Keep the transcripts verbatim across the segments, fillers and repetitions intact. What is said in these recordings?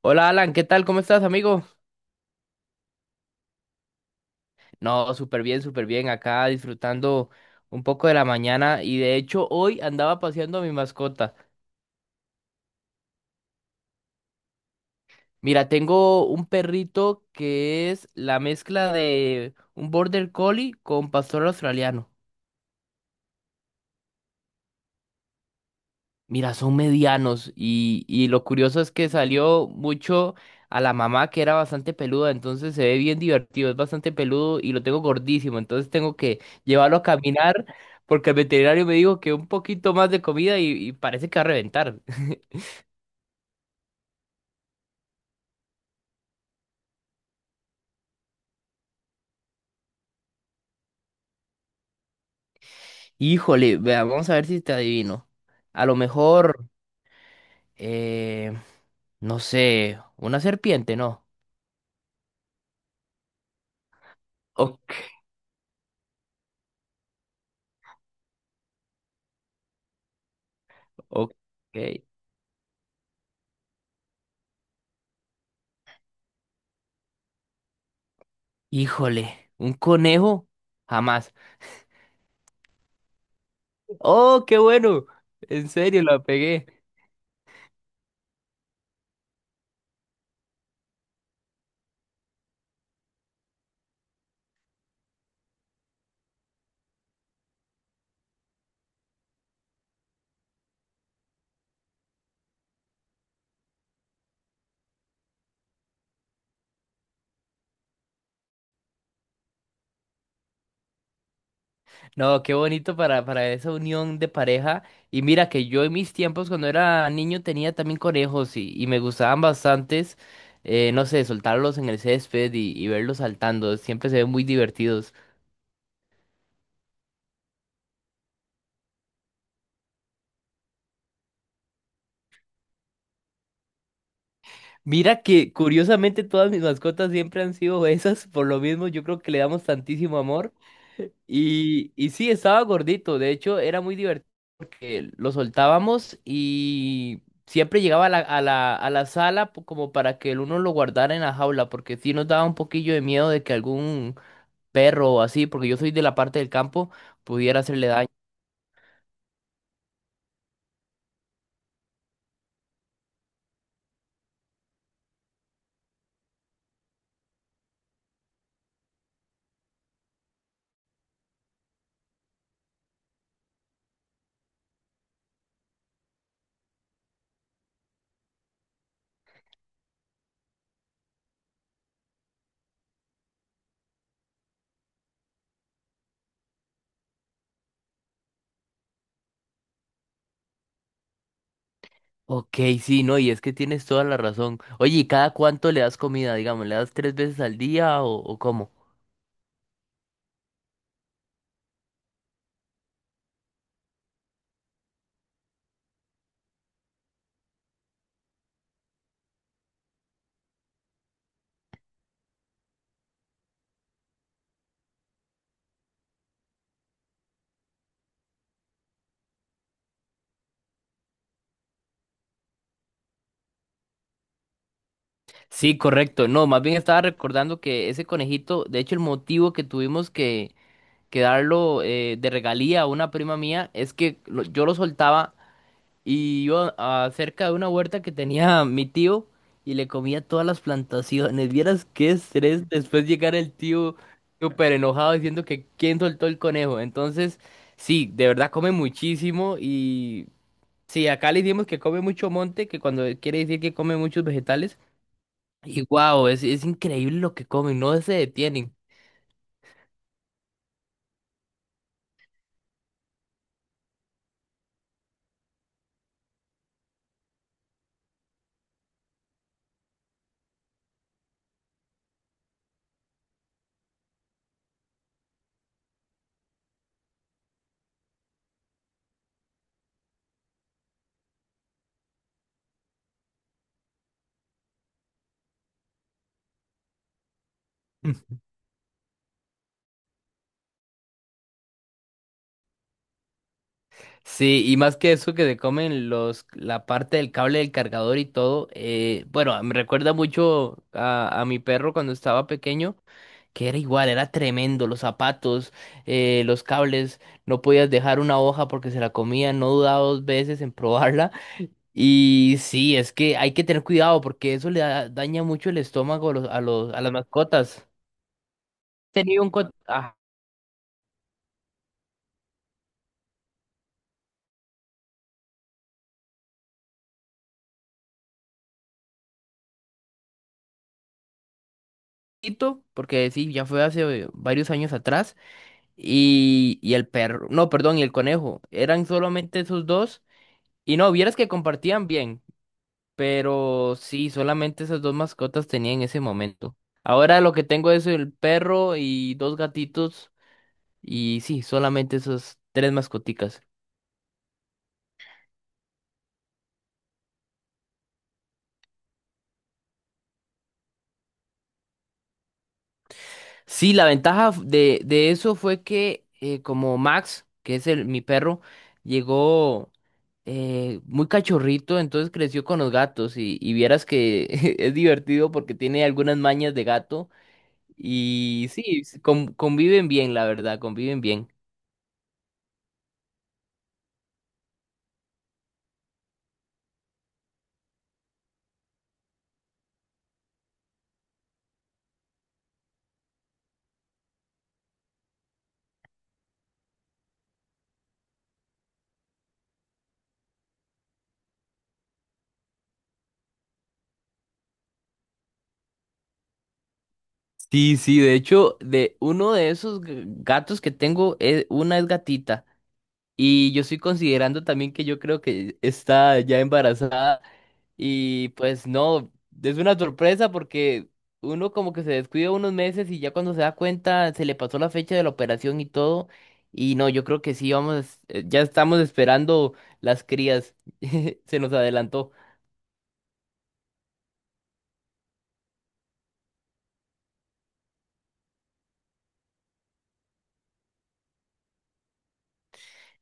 Hola Alan, ¿qué tal? ¿Cómo estás, amigo? No, súper bien, súper bien. Acá disfrutando un poco de la mañana y de hecho hoy andaba paseando a mi mascota. Mira, tengo un perrito que es la mezcla de un border collie con pastor australiano. Mira, son medianos y, y lo curioso es que salió mucho a la mamá que era bastante peluda, entonces se ve bien divertido, es bastante peludo y lo tengo gordísimo, entonces tengo que llevarlo a caminar porque el veterinario me dijo que un poquito más de comida y, y parece que va a reventar. Híjole, vea, vamos a ver si te adivino. A lo mejor, eh, no sé, una serpiente, ¿no? Ok, ok. Híjole, un conejo, jamás. Oh, qué bueno. En serio, la pegué. No, qué bonito para, para esa unión de pareja. Y mira que yo en mis tiempos cuando era niño tenía también conejos y, y me gustaban bastantes. Eh, no sé, soltarlos en el césped y, y verlos saltando. Siempre se ven muy divertidos. Mira que curiosamente todas mis mascotas siempre han sido esas. Por lo mismo, yo creo que le damos tantísimo amor. Y, y sí, estaba gordito. De hecho, era muy divertido porque lo soltábamos y siempre llegaba a la, a la, a la sala po- como para que el uno lo guardara en la jaula, porque sí nos daba un poquillo de miedo de que algún perro o así, porque yo soy de la parte del campo, pudiera hacerle daño. Ok, sí, no, y es que tienes toda la razón. Oye, ¿y cada cuánto le das comida, digamos? ¿Le das tres veces al día o, o cómo? Sí, correcto. No, más bien estaba recordando que ese conejito, de hecho, el motivo que tuvimos que que darlo, eh, de regalía a una prima mía es que lo- yo lo soltaba y iba a- cerca de una huerta que tenía mi tío y le comía todas las plantaciones. Vieras qué estrés después llegar el tío súper enojado diciendo que quién soltó el conejo. Entonces, sí, de verdad come muchísimo y sí, acá le decimos que come mucho monte, que cuando quiere decir que come muchos vegetales. Y wow, es, es increíble lo que comen, no se detienen. Sí, y más que eso que se comen los, la parte del cable del cargador y todo, eh, bueno, me recuerda mucho a, a mi perro cuando estaba pequeño, que era igual, era tremendo, los zapatos, eh, los cables, no podías dejar una hoja porque se la comía, no dudaba dos veces en probarla. Y sí, es que hay que tener cuidado porque eso le da- daña mucho el estómago a los, a los, a las mascotas. Tenía un co- ajito, porque sí, ya fue hace varios años atrás. y, y el perro, no, perdón, y el conejo. Eran solamente esos dos. Y no, vieras que compartían bien, pero sí, solamente esas dos mascotas tenía en ese momento. Ahora lo que tengo es el perro y dos gatitos. Y sí, solamente esas tres mascoticas. Sí, la ventaja f- de, de eso fue que, eh, como Max, que es el, mi perro, llegó. Eh, muy cachorrito, entonces creció con los gatos y, y vieras que es divertido porque tiene algunas mañas de gato y sí, s- con- conviven bien, la verdad, conviven bien. Sí, sí, de hecho, de uno de esos g- gatos que tengo, eh, una es gatita y yo estoy considerando también que yo creo que está ya embarazada. Y pues no, es una sorpresa porque uno como que se descuida unos meses y ya cuando se da cuenta se le pasó la fecha de la operación y todo. Y no, yo creo que sí, vamos, eh, ya estamos esperando las crías. Se nos adelantó.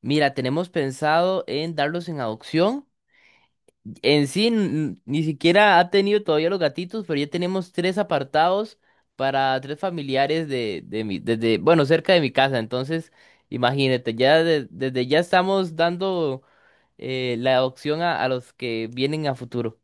Mira, tenemos pensado en darlos en adopción. En sí, n- ni siquiera ha tenido todavía los gatitos, pero ya tenemos tres apartados para tres familiares de, de mi, desde, bueno, cerca de mi casa. Entonces, imagínate, ya de- desde ya estamos dando, eh, la adopción a, a los que vienen a futuro.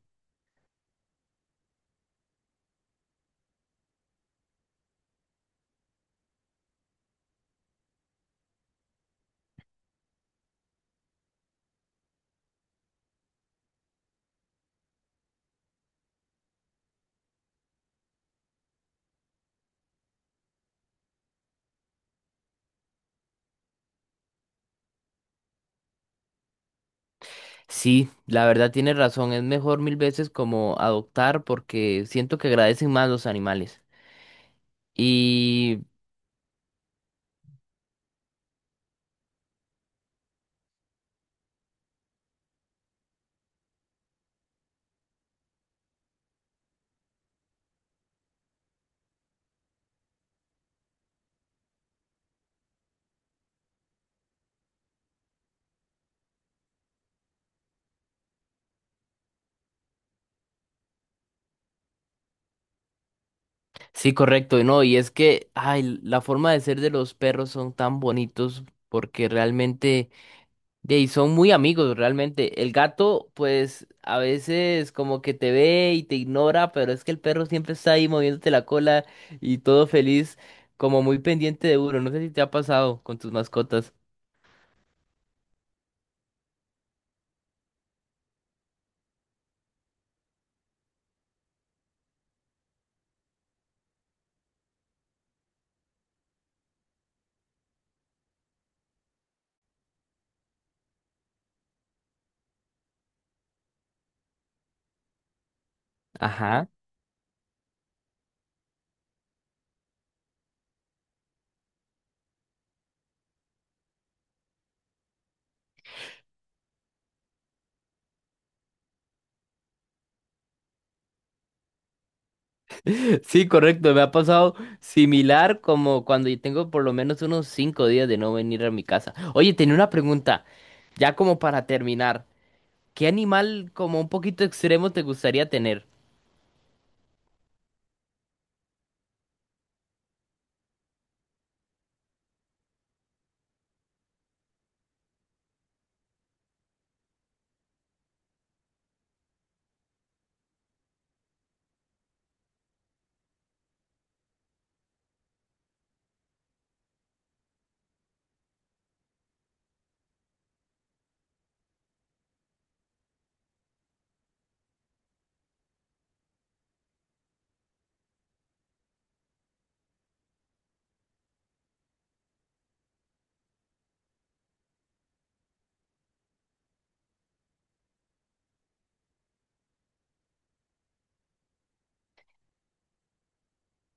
Sí, la verdad tienes razón, es mejor mil veces como adoptar porque siento que agradecen más los animales. Y sí, correcto, no, y es que, ay, la forma de ser de los perros son tan bonitos porque realmente... De ahí son muy amigos realmente. El gato, pues a veces como que te ve y te ignora, pero es que el perro siempre está ahí moviéndote la cola y todo feliz, como muy pendiente de uno. No sé si te ha pasado con tus mascotas. Ajá. Sí, correcto. Me ha pasado similar como cuando yo tengo por lo menos unos cinco días de no venir a mi casa. Oye, tenía una pregunta, ya como para terminar. ¿Qué animal como un poquito extremo te gustaría tener?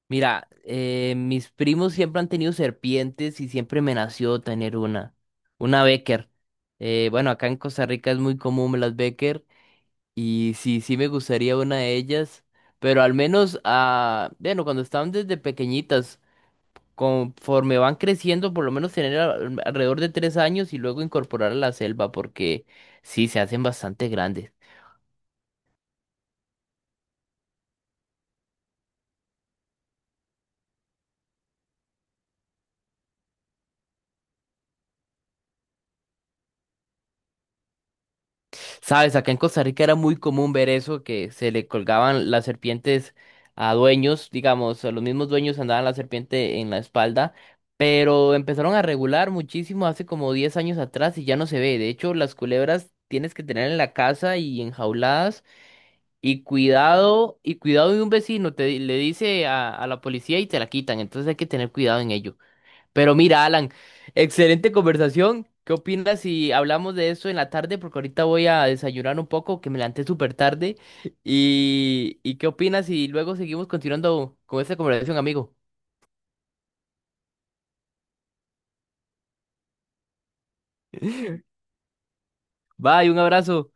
Mira, eh, mis primos siempre han tenido serpientes y siempre me nació tener una, una Becker. Eh, bueno, acá en Costa Rica es muy común las Becker y sí, sí me gustaría una de ellas, pero al menos, ah, bueno, cuando estaban desde pequeñitas, conforme van creciendo, por lo menos tener al- alrededor de tres años y luego incorporar a la selva porque sí, se hacen bastante grandes. Sabes, acá en Costa Rica era muy común ver eso, que se le colgaban las serpientes a dueños, digamos, a los mismos dueños andaban la serpiente en la espalda, pero empezaron a regular muchísimo hace como diez años atrás y ya no se ve. De hecho, las culebras tienes que tener en la casa y enjauladas y cuidado, y cuidado de un vecino, te le dice a, a la policía y te la quitan, entonces hay que tener cuidado en ello. Pero mira, Alan, excelente conversación. ¿Qué opinas si hablamos de eso en la tarde? Porque ahorita voy a desayunar un poco, que me levanté súper tarde. ¿Y, y qué opinas si luego seguimos continuando con esta conversación, amigo? Bye, un abrazo.